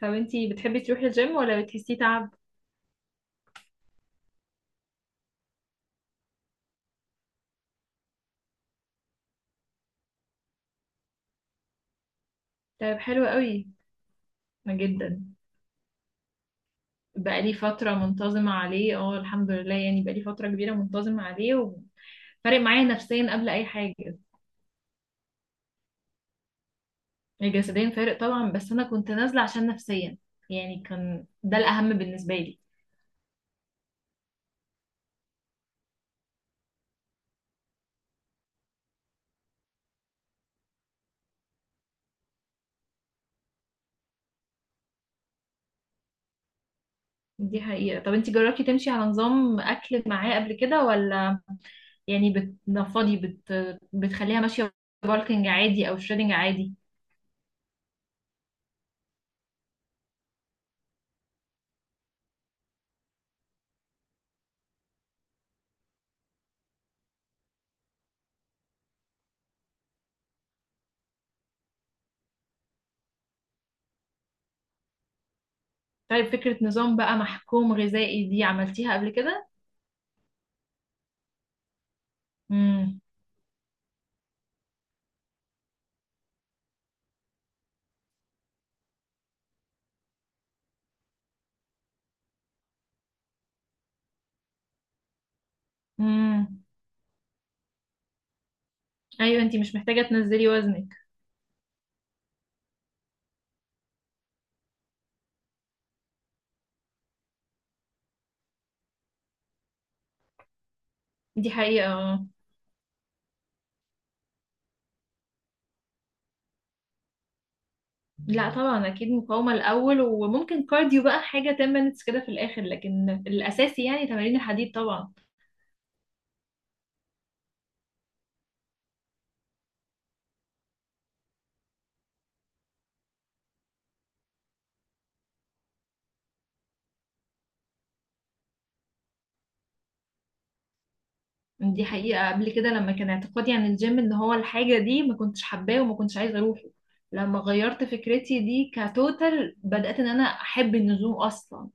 طب انتي بتحبي تروحي الجيم ولا بتحسيه تعب؟ طيب، حلو قوي، ما جدا. بقالي فترة منتظمة عليه، اه الحمد لله. يعني بقالي فترة كبيرة منتظمة عليه، وفارق معايا نفسيا قبل أي حاجة. جسديا فارق طبعا، بس أنا كنت نازلة عشان نفسيا، يعني كان ده الأهم بالنسبة لي. دي حقيقة. طب انتي جربتي تمشي على نظام أكل معاه قبل كده ولا؟ يعني بتنفضي بتخليها ماشية بالكنج عادي أو شريدنج عادي؟ طيب، فكرة نظام بقى محكوم غذائي دي عملتيها قبل كده؟ مم. امم. ايوه انتي مش محتاجه تنزلي وزنك. دي حقيقه اه. لا طبعا، اكيد مقاومه الاول، وممكن كارديو بقى، حاجه 10 minutes كده في الاخر، لكن الاساسي يعني تمارين الحديد طبعا. دي حقيقه. قبل كده لما كان اعتقادي عن الجيم ان هو الحاجه دي، ما كنتش حباه وما كنتش عايزه اروحه. لما غيرت فكرتي دي كتوتال بدات ان انا احب النزوم اصلا.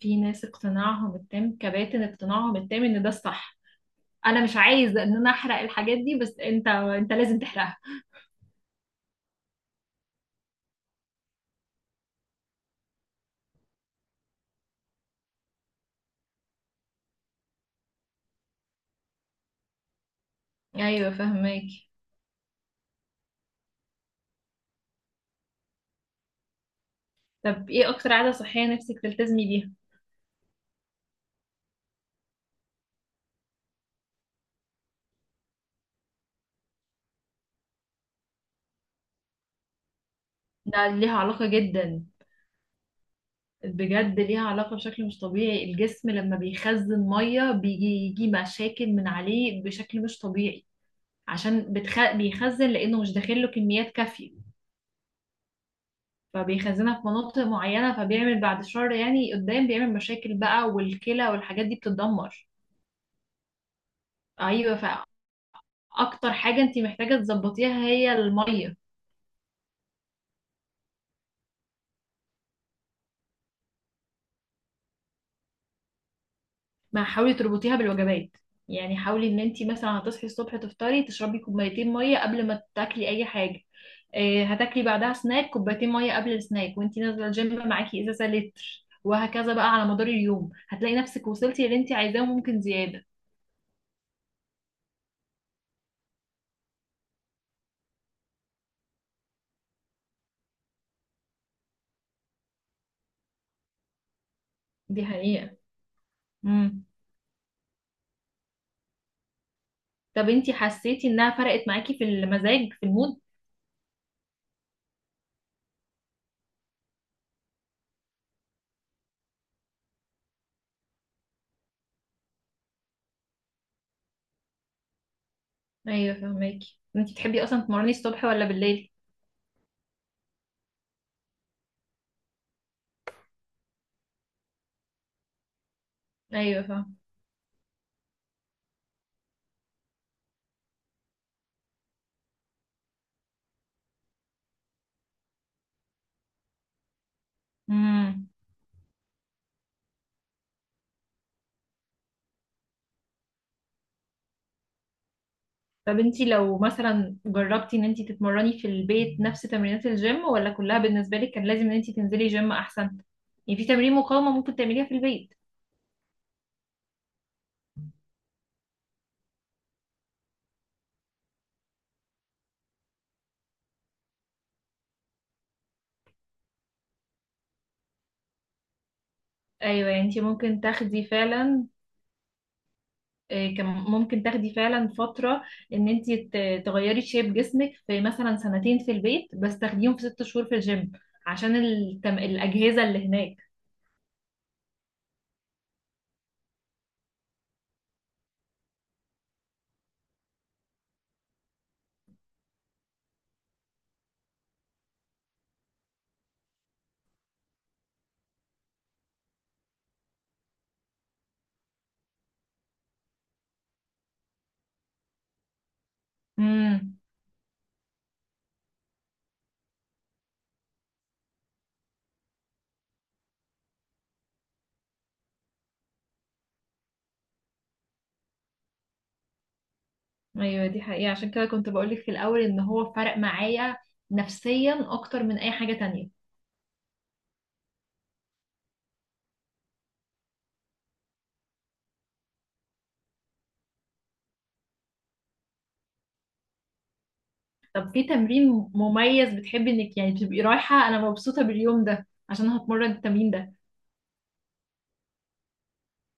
في ناس اقتناعهم التام كباتن، اقتناعهم التام ان ده الصح. انا مش عايزه ان انا احرق الحاجات دي، بس انت لازم تحرقها. ايوه فهماكي. طب ايه اكتر عادة صحية نفسك تلتزمي بيها؟ ده ليها علاقة جدا. بجد ليها علاقة بشكل مش طبيعي. الجسم لما بيخزن مية، بيجي مشاكل من عليه بشكل مش طبيعي، عشان بيخزن لانه مش داخل له كميات كافية، فبيخزنها في مناطق معينة، فبيعمل بعد شهر يعني قدام بيعمل مشاكل بقى، والكلى والحاجات دي بتتدمر. ايوه. فاكتر حاجة انت محتاجة تظبطيها هي المية. ما حاولي تربطيها بالوجبات. يعني حاولي ان انت مثلا هتصحي الصبح تفطري، تشربي كوبايتين ميه قبل ما تاكلي اي حاجه. إيه، هتاكلي بعدها سناك، كوبايتين ميه قبل السناك. وانت نازله الجيم معاكي ازازه لتر. وهكذا بقى على مدار اليوم هتلاقي نفسك وصلتي اللي انت عايزاه وممكن زياده. دي حقيقة. امم. طب انت حسيتي انها فرقت معاكي في المزاج في المود؟ ايوه فهماكي. انت بتحبي اصلا تمرني الصبح ولا بالليل؟ ايوه فاهمه. امم. طب انتي لو مثلا جربتي ان انتي تتمرني في البيت نفس تمرينات الجيم، ولا كلها بالنسبة لك كان لازم ان انتي تنزلي جيم احسن؟ يعني في تمرين مقاومة ممكن تعمليها في البيت. ايوه. يعني انتي ممكن تاخدي فعلا، ممكن تاخدي فعلا فترة ان انتي تغيري شيب جسمك في مثلا سنتين في البيت، بس تاخديهم في ست شهور في الجيم، عشان الأجهزة اللي هناك. امم. ايوه دي حقيقة. عشان كده كنت بقولك في الأول ان هو فرق معايا نفسيا اكتر من اي حاجة تانية. طب في تمرين مميز بتحبي انك يعني تبقي رايحة انا مبسوطة باليوم ده عشان هتمرن التمرين ده؟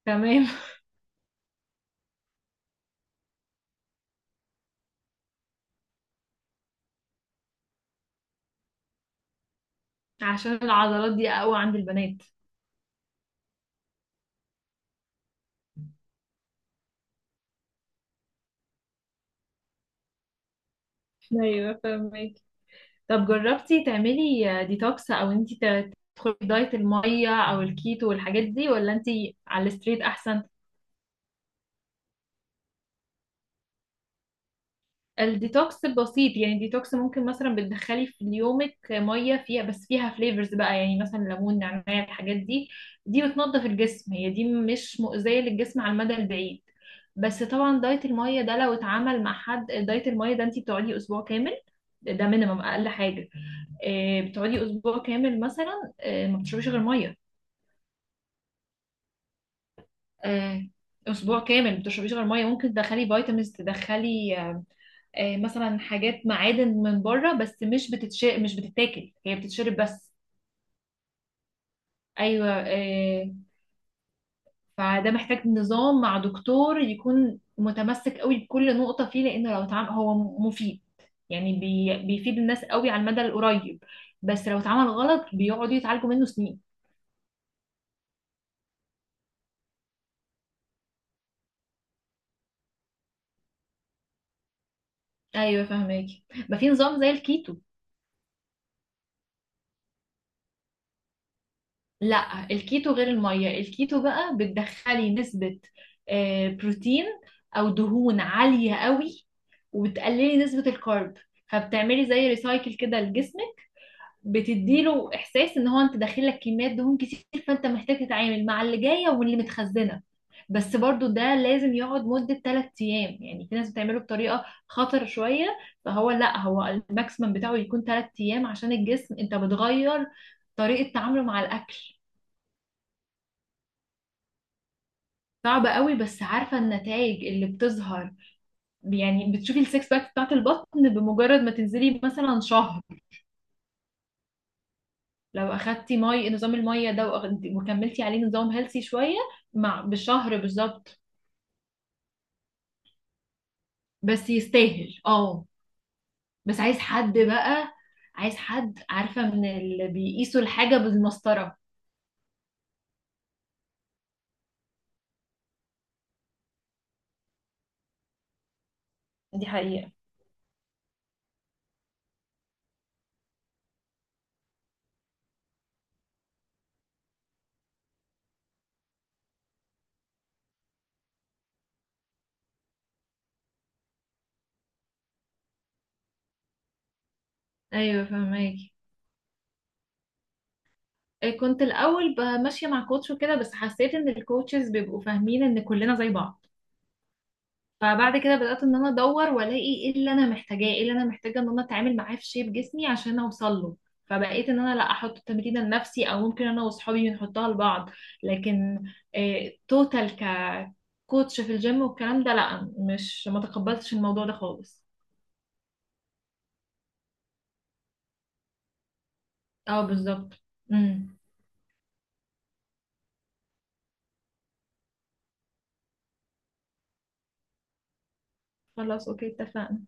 تمام. عشان العضلات دي اقوى عند البنات. ايوه فاهمك. طب جربتي تعملي ديتوكس، او انتي تدخلي في دايت المية او الكيتو والحاجات دي، ولا انتي على الستريت احسن؟ الديتوكس بسيط. يعني ديتوكس ممكن مثلا بتدخلي في يومك ميه فيها بس، فيها فليفرز بقى، يعني مثلا ليمون نعناع، الحاجات دي. دي بتنظف الجسم، هي دي مش مؤذيه للجسم على المدى البعيد. بس طبعا دايت الميه ده لو اتعمل مع حد، دايت الميه ده انت بتقعدي اسبوع كامل. ده مينيمم، اقل حاجه. آه، بتقعدي اسبوع كامل مثلا، آه، ما بتشربيش غير ميه. آه، اسبوع كامل ما بتشربيش غير ميه. ممكن تدخلي فيتامينز، تدخلي آه، مثلا حاجات معادن من بره، بس مش بتتش، مش بتتاكل، هي بتتشرب بس. ايوه آه. فده محتاج نظام مع دكتور يكون متمسك قوي بكل نقطة فيه، لأنه لو اتعامل هو مفيد، يعني بيفيد الناس قوي على المدى القريب، بس لو اتعمل غلط بيقعدوا يتعالجوا منه سنين. ايوه فهماكي. ما في نظام زي الكيتو. لا، الكيتو غير المية. الكيتو بقى بتدخلي نسبة آه، بروتين او دهون عالية قوي، وبتقللي نسبة الكارب، فبتعملي زي ريسايكل كده لجسمك، بتديله احساس ان هو انت داخل لك كميات دهون كتير، فانت محتاج تتعامل مع اللي جاية واللي متخزنة. بس برضو ده لازم يقعد مدة 3 ايام، يعني في ناس بتعمله بطريقة خطر شوية. فهو لا، هو الماكسيمم بتاعه يكون 3 ايام، عشان الجسم انت بتغير طريقة تعامله مع الاكل. صعبة قوي، بس عارفة النتائج اللي بتظهر؟ يعني بتشوفي السكس باك بتاعت البطن بمجرد ما تنزلي مثلا شهر، لو أخدتي نظام المية ده وكملتي عليه نظام هيلثي شوية، مع بشهر بالظبط. بس يستاهل، اه. بس عايز حد بقى. عايز حد عارفة، من اللي بيقيسوا الحاجة بالمسطرة. دي حقيقة. ايوه فهماكي. إيه، كنت الاول ماشيه مع كوتش وكده، بس حسيت ان الكوتشز بيبقوا فاهمين ان كلنا زي بعض. فبعد كده بدأت ان انا ادور والاقي ايه اللي انا محتاجاه، ايه اللي انا محتاجه ان انا اتعامل معاه في شيب جسمي عشان اوصل له. فبقيت ان انا لا، احط التمرين لنفسي، او ممكن انا واصحابي بنحطها لبعض. لكن إيه، توتال ككوتش في الجيم والكلام ده، لا، مش ما تقبلتش الموضوع ده خالص. اه بالظبط. امم. خلاص اوكي اتفقنا.